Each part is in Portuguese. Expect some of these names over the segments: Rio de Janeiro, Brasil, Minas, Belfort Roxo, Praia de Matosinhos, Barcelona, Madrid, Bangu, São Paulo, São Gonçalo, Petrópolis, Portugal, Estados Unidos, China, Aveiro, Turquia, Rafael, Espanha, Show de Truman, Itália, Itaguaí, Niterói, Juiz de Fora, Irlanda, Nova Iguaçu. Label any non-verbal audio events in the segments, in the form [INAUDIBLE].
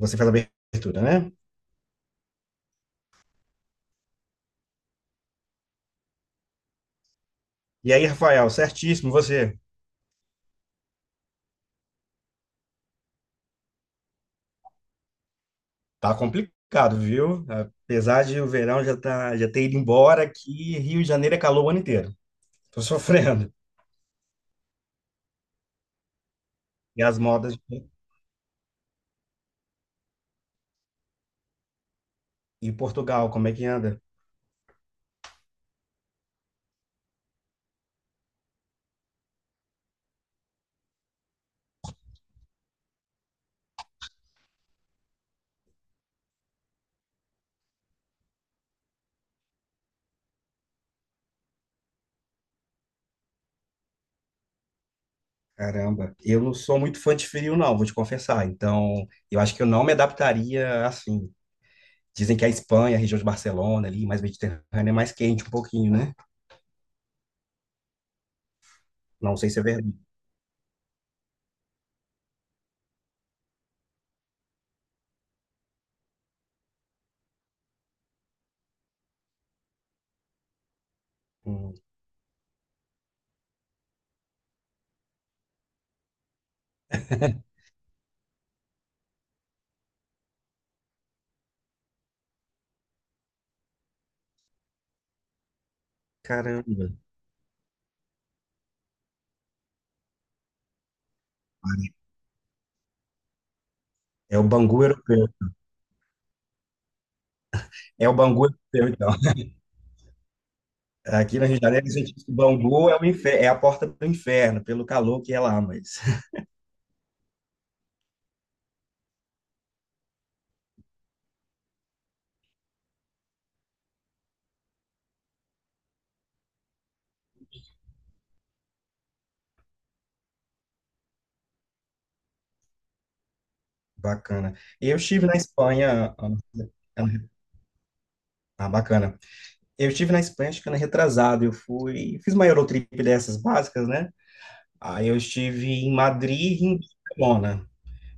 Você faz a abertura, né? E aí, Rafael, certíssimo, você. Tá complicado, viu? Apesar de o verão já, tá, já ter ido embora, aqui Rio de Janeiro é calor o ano inteiro. Tô sofrendo. E as modas em Portugal, como é que anda? Caramba, eu não sou muito fã de frio, não, vou te confessar. Então, eu acho que eu não me adaptaria assim. Dizem que a Espanha, a região de Barcelona ali, mais mediterrânea, é mais quente um pouquinho, né? Não sei se é verdade. Hum. Caramba. É o Bangu europeu. É o Bangu europeu, então. Aqui no Rio de Janeiro, a gente diz que o Bangu é, o infer- é a porta do inferno, pelo calor que é lá, mas [LAUGHS] bacana. Eu estive na Espanha. Ano- Ah, bacana. Eu estive na Espanha, acho que ano retrasado. Eu fui, fiz uma Eurotrip dessas básicas, né? Aí eu estive em Madrid e em Barcelona.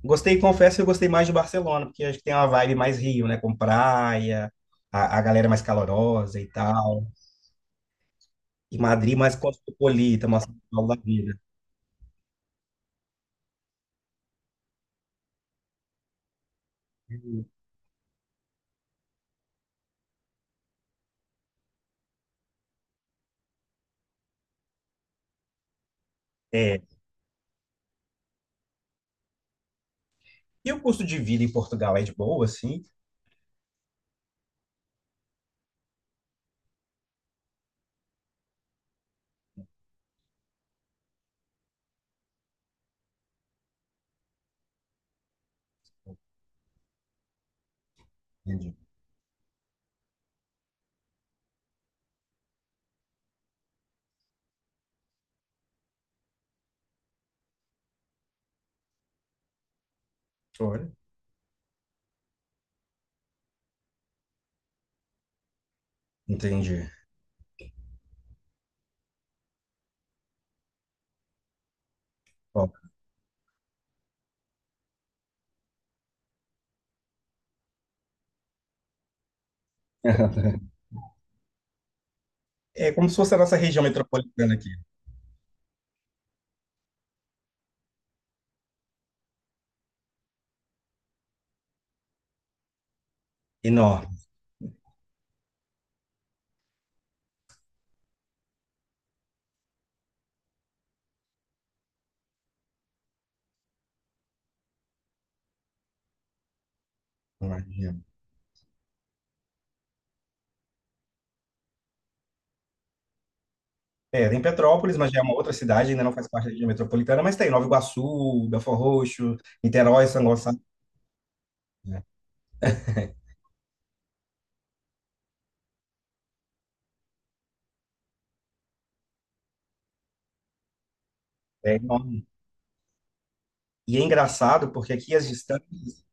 Gostei, confesso que eu gostei mais de Barcelona, porque acho que tem uma vibe mais Rio, né? Com praia, a galera é mais calorosa e tal. E Madrid mais cosmopolita, mais São Paulo da vida. É. E o custo de vida em Portugal é de boa, assim? Entendi. Olha. Entendi. Ó. [LAUGHS] É como se fosse a nossa região metropolitana aqui. Enorme. Imagina. É, tem Petrópolis, mas já é uma outra cidade, ainda não faz parte da região metropolitana, mas tem Nova Iguaçu, Belfort Roxo, Niterói, São Gonçalo, né? É enorme. E é engraçado porque aqui as distâncias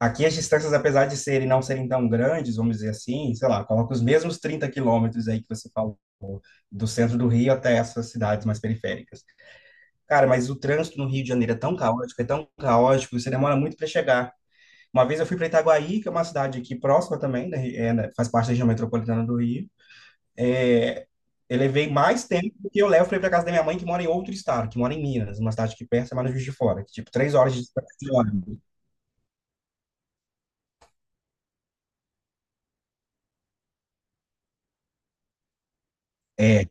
Aqui as distâncias, apesar de serem não serem tão grandes, vamos dizer assim, sei lá, coloca os mesmos 30 quilômetros aí que você falou, do centro do Rio até essas cidades mais periféricas. Cara, mas o trânsito no Rio de Janeiro é tão caótico, você demora muito para chegar. Uma vez eu fui para Itaguaí, que é uma cidade aqui próxima também, né, faz parte da região metropolitana do Rio. É, eu levei mais tempo do que eu levo para ir para casa da minha mãe, que mora em outro estado, que mora em Minas, uma cidade que perto, mas no Juiz de Fora, que tipo, 3 horas de distância de ônibus. É,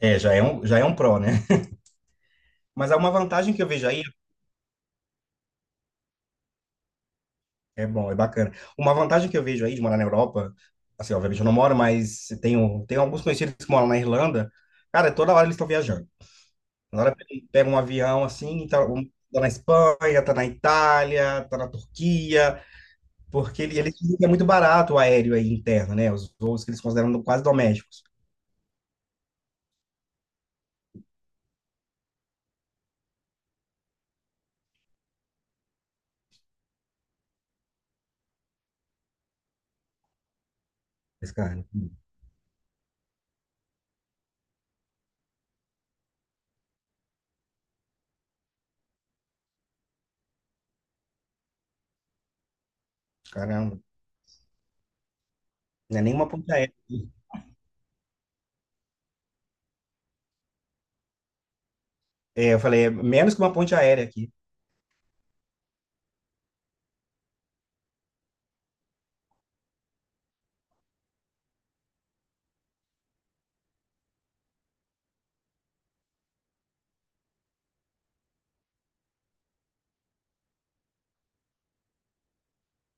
já é um pró, né? Mas há uma vantagem que eu vejo aí, é bom, é bacana. Uma vantagem que eu vejo aí de morar na Europa, assim, obviamente eu não moro, mas tenho, alguns conhecidos que moram na Irlanda. Cara, toda hora eles estão viajando. Na hora que pega um avião assim, tá, um- tá na Espanha, tá na Itália, tá na Turquia, porque ele é muito barato o aéreo aí interno, né? Os voos que eles consideram quase domésticos. Mas, cara, caramba, não é nenhuma ponte aérea. É, eu falei, é menos que uma ponte aérea aqui.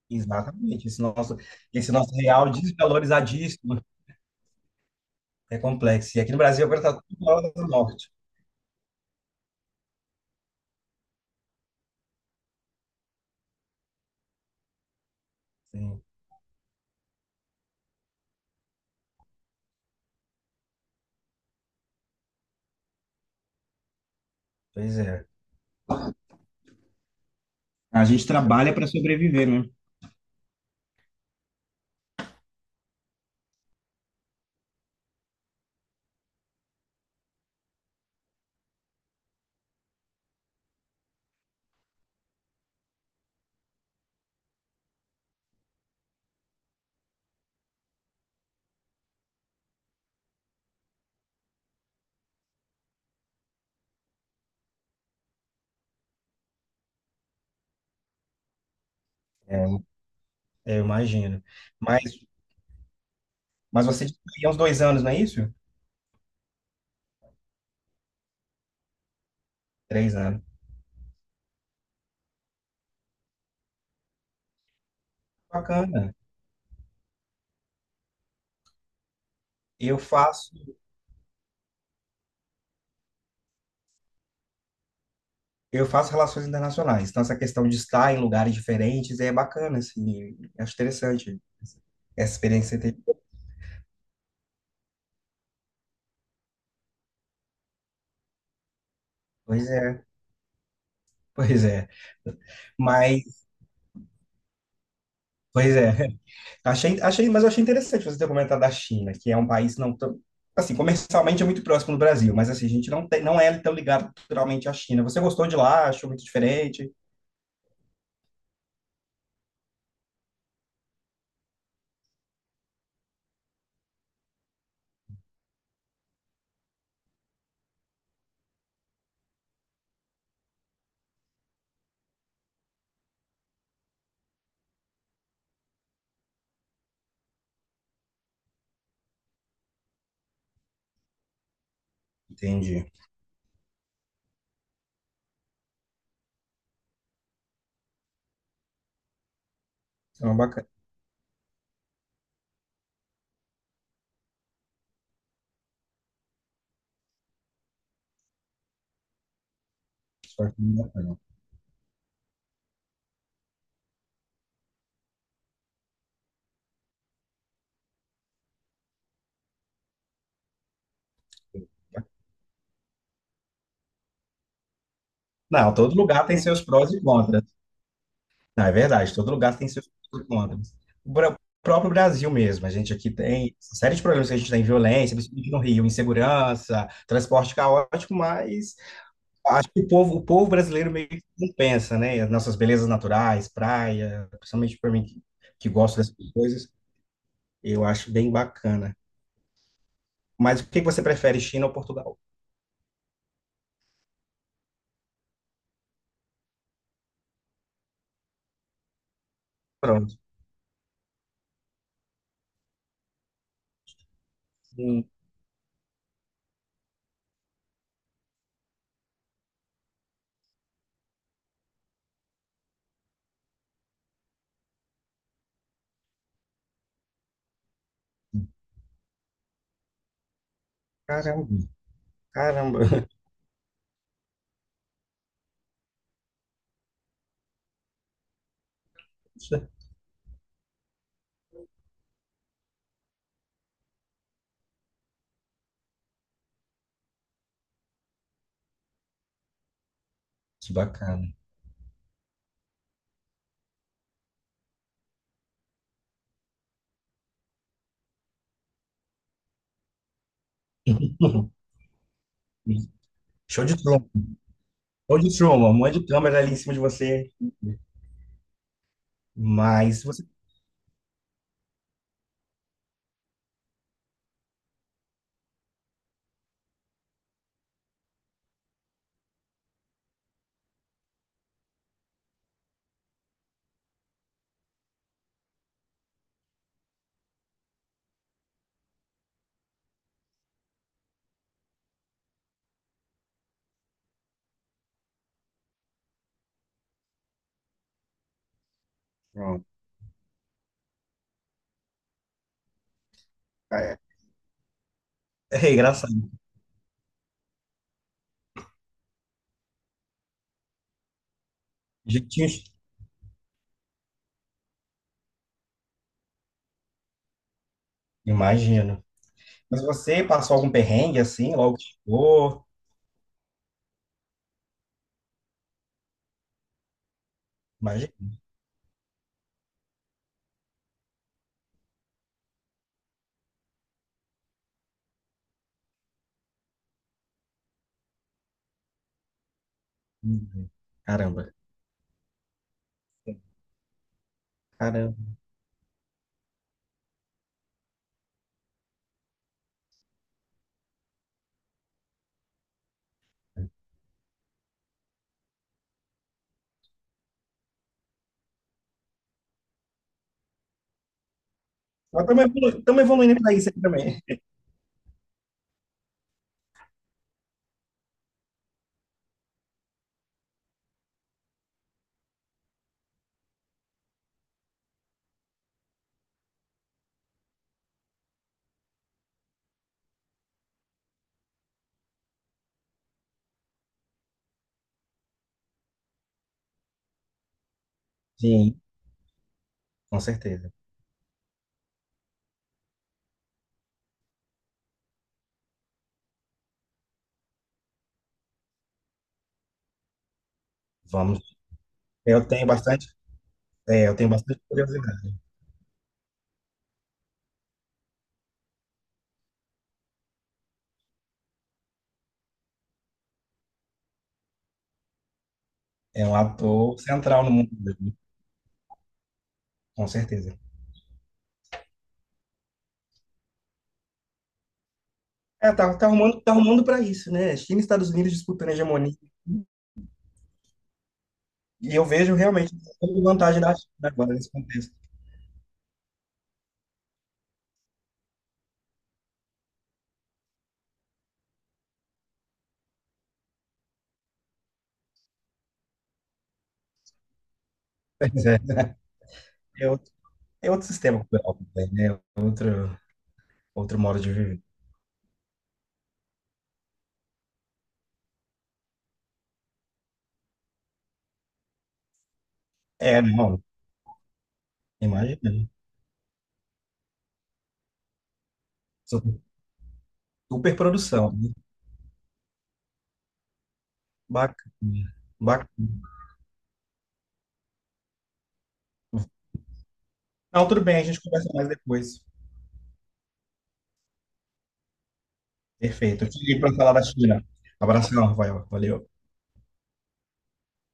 Exatamente, esse nosso real desvalorizadíssimo. É complexo. E aqui no Brasil agora está tudo na hora da morte. Sim, pois é. A gente trabalha para sobreviver, né? É, eu imagino. Mas, mas você disse que há uns 2 anos, não é isso? 3 anos. Bacana. Eu faço, eu faço relações internacionais. Então, essa questão de estar em lugares diferentes é bacana, assim. Acho interessante essa experiência que você teve. Pois é, pois é. Mas, pois é. Achei, mas eu achei interessante você ter comentado da China, que é um país não tão, assim, comercialmente é muito próximo do Brasil, mas assim, a gente não tem, não é tão ligado culturalmente à China. Você gostou de lá? Achou muito diferente? Entendi. Então, bacana. Isso é muito bacana. Não, todo lugar tem seus prós e contras. Não, é verdade, todo lugar tem seus prós e contras. O bra- o próprio Brasil mesmo, a gente aqui tem uma série de problemas que a gente tem, violência, principalmente no Rio, insegurança, transporte caótico, mas acho que o povo brasileiro meio que não pensa, né? As nossas belezas naturais, praia, principalmente para mim que, gosto dessas coisas, eu acho bem bacana. Mas o que você prefere, China ou Portugal? Pronto. Hum. Caramba, caramba. [LAUGHS] Que bacana. Show de Truman. Show de Truman. Um monte de câmera ali em cima de você. Mas você. Pronto. É, é engraçado. Jeitinho. Imagino. Mas você passou algum perrengue assim, logo que chegou? Imagina. Caramba. Caramba. Nós estamos evoluindo para isso aí também. Sim, com certeza. Vamos. Eu tenho bastante, eu tenho bastante curiosidade. É um ator central no mundo, dele, com certeza. É, tá, tá arrumando para isso, né? China e Estados Unidos disputando a hegemonia. E eu vejo realmente toda vantagem da China agora nesse contexto. [LAUGHS] Pois é, né? é outro, é outro sistema cultural também, né? É outro, outro modo de viver. É, não, imagina. Super produção. Bacana, bacana. Não, tudo bem, a gente conversa mais depois. Perfeito. Eu te ligo para falar da China. Abração, Rafael. Valeu.